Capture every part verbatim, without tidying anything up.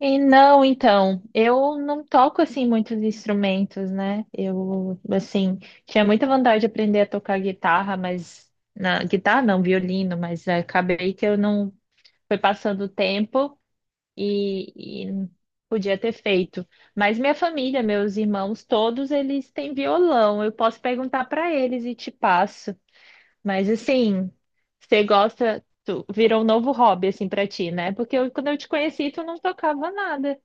E não, então, eu não toco assim muitos instrumentos, né? Eu assim, tinha muita vontade de aprender a tocar guitarra, mas na guitarra não, violino, mas eh, acabei que eu não foi passando o tempo e, e podia ter feito. Mas minha família, meus irmãos, todos eles têm violão. Eu posso perguntar para eles e te passo. Mas assim, você gosta, tu, virou um novo hobby assim para ti, né? Porque eu- quando eu te conheci, tu não tocava nada.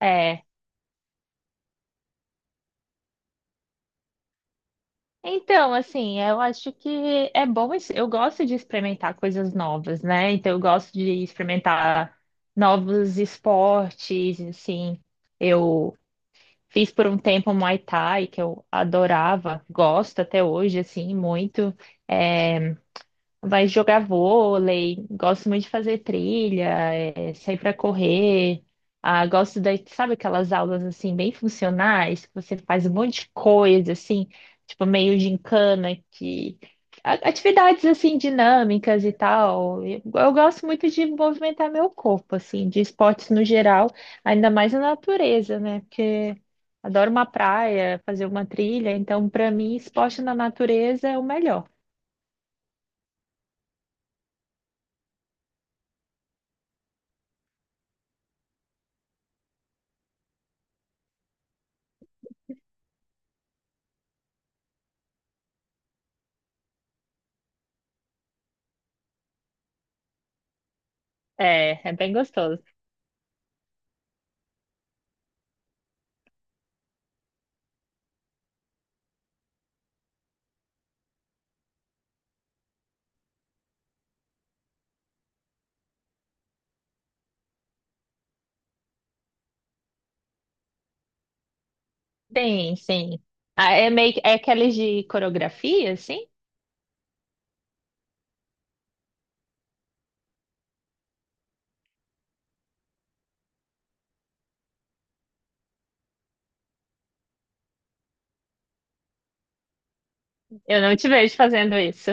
É. Então, assim, eu acho que é bom. es- Eu gosto de experimentar coisas novas, né? Então, eu gosto de experimentar novos esportes, assim. Eu fiz por um tempo Muay Thai, que eu adorava, gosto até hoje, assim, muito. É, vai jogar vôlei, gosto muito de fazer trilha, é, sair para correr. Ah, gosto da, sabe aquelas aulas assim bem funcionais, que você faz um monte de coisa assim, tipo meio gincana, que a- atividades assim dinâmicas e tal. Eu, eu gosto muito de movimentar meu corpo assim, de esportes no geral, ainda mais na natureza, né? Porque adoro uma praia, fazer uma trilha, então para mim esporte na natureza é o melhor. É, é bem gostoso. Sim, sim. Ah, é meio que- é aqueles de coreografia, assim? Eu não te vejo fazendo isso.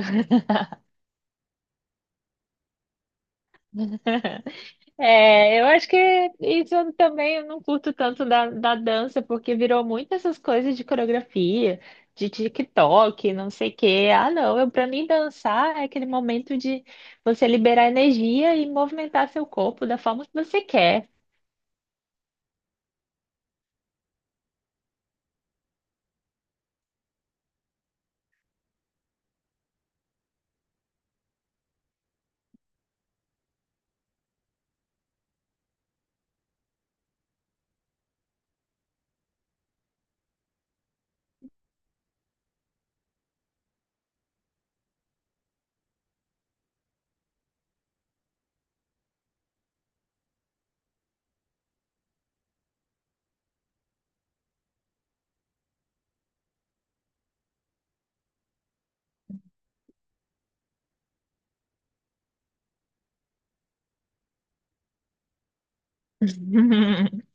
É, eu acho que isso eu também eu não curto tanto da, da dança, porque virou muito essas coisas de coreografia, de TikTok, não sei o quê. Ah, não, eu, pra mim dançar é aquele momento de você liberar energia e movimentar seu corpo da forma que você quer.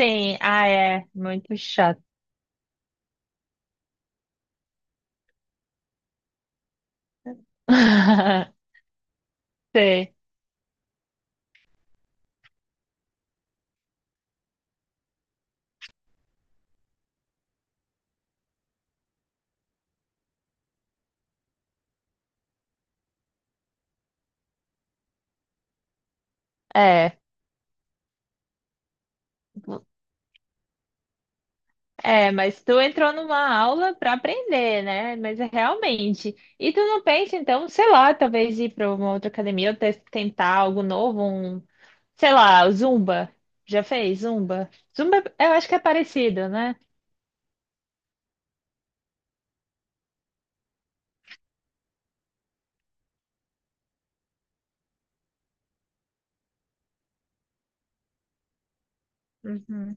Sim, ah, é muito chato. Sim, é. É, mas tu entrou numa aula para aprender, né? Mas é realmente. E tu não pensa, então, sei lá, talvez ir para uma outra academia ou te- tentar algo novo, um, sei lá, o Zumba. Já fez Zumba? Zumba, é, eu acho que é parecido, né? Uhum.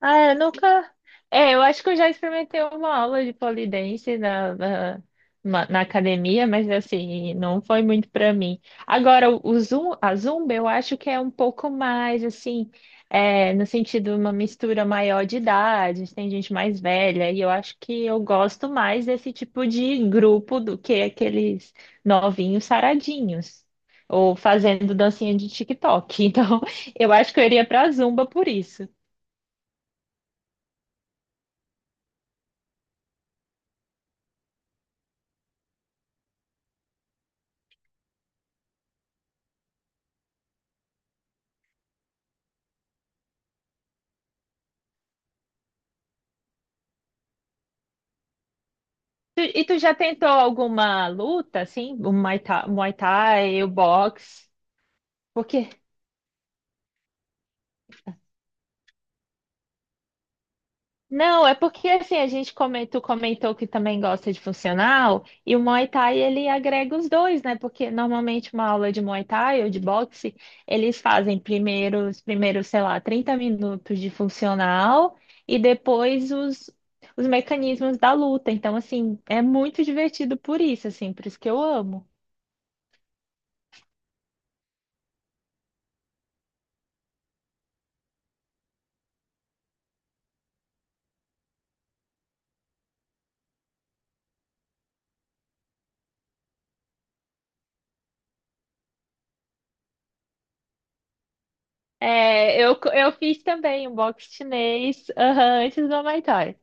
Ah, eu nunca. É, eu acho que eu já experimentei uma aula de pole dance na, na, ma- na academia, mas assim, não foi muito para mim. Agora, o o zum, a zumba eu acho que é um pouco mais assim, é, no sentido uma mistura maior de idades, tem gente mais velha, e eu acho que eu gosto mais desse tipo de grupo do que aqueles novinhos saradinhos. Ou fazendo dancinha de TikTok. Então, eu acho que eu iria pra Zumba por isso. Tu- E tu já tentou alguma luta, assim? O Muay Thai, Muay Thai, o boxe? Por quê? Não, é porque assim, a gente comentou, comentou que também gosta de funcional, e o Muay Thai ele agrega os dois, né? Porque normalmente uma aula de Muay Thai ou de boxe, eles fazem primeiro, os primeiros, sei lá, trinta minutos de funcional e depois os, os mecanismos da luta. Então, assim, é muito divertido por isso, assim, por isso que eu amo. É, eu, eu fiz também um box chinês, aham, antes do Muay Thai.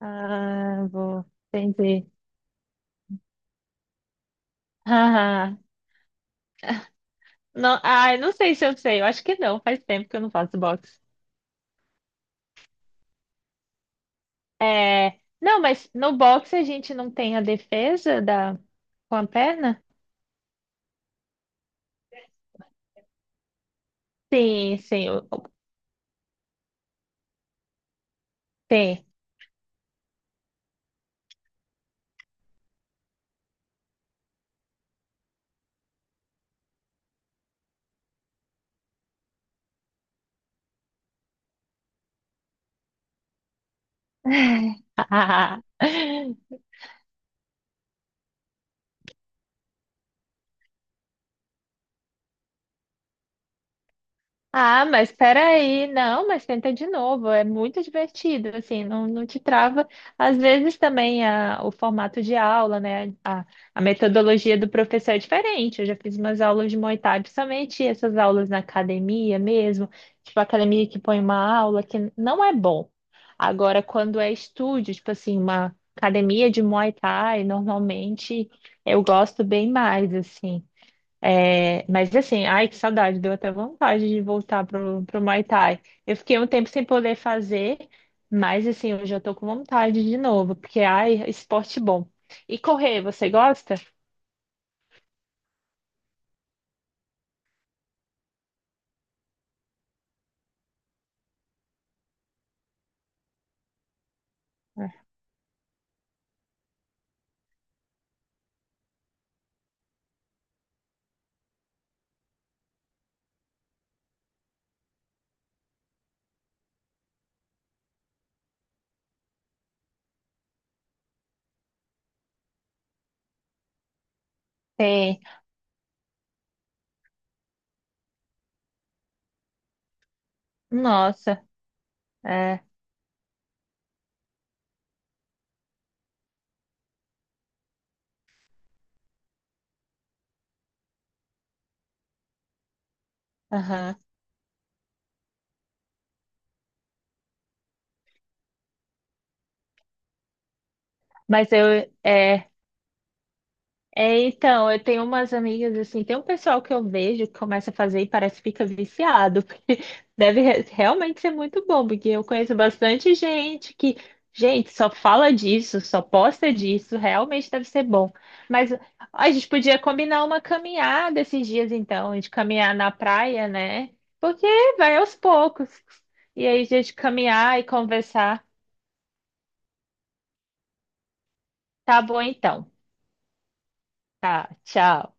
Ah, vou entender. Haha. Não, ah, não sei se eu sei, eu acho que não, faz tempo que eu não faço boxe. É, não, mas no boxe a gente não tem a defesa da, com a perna? Sim, sim, o- o- tem. Ah, mas peraí, não, mas tenta de novo, é muito divertido, assim, não, não te trava. Às vezes também a, o formato de aula, né, a, a metodologia do professor é diferente. Eu já fiz umas aulas de Muay Thai, principalmente essas aulas na academia mesmo, tipo academia que põe uma aula que não é bom. Agora, quando é estúdio, tipo assim, uma academia de Muay Thai, normalmente eu gosto bem mais, assim. É, mas assim, ai, que saudade, deu até vontade de voltar pro, pro Muay Thai. Eu fiquei um tempo sem poder fazer, mas assim, hoje eu tô com vontade de novo, porque ai, esporte bom. E correr, você gosta? Tem. Nossa, é, aham. Mas eu, é, é, então, eu tenho umas amigas assim, tem um pessoal que eu vejo que começa a fazer e parece que fica viciado, porque deve re- realmente ser muito bom, porque eu conheço bastante gente que, gente, só fala disso, só posta disso, realmente deve ser bom. Mas a gente podia combinar uma caminhada esses dias então, de caminhar na praia, né? Porque vai aos poucos. E aí, a gente caminhar e conversar. Tá bom então. Tá, tchau.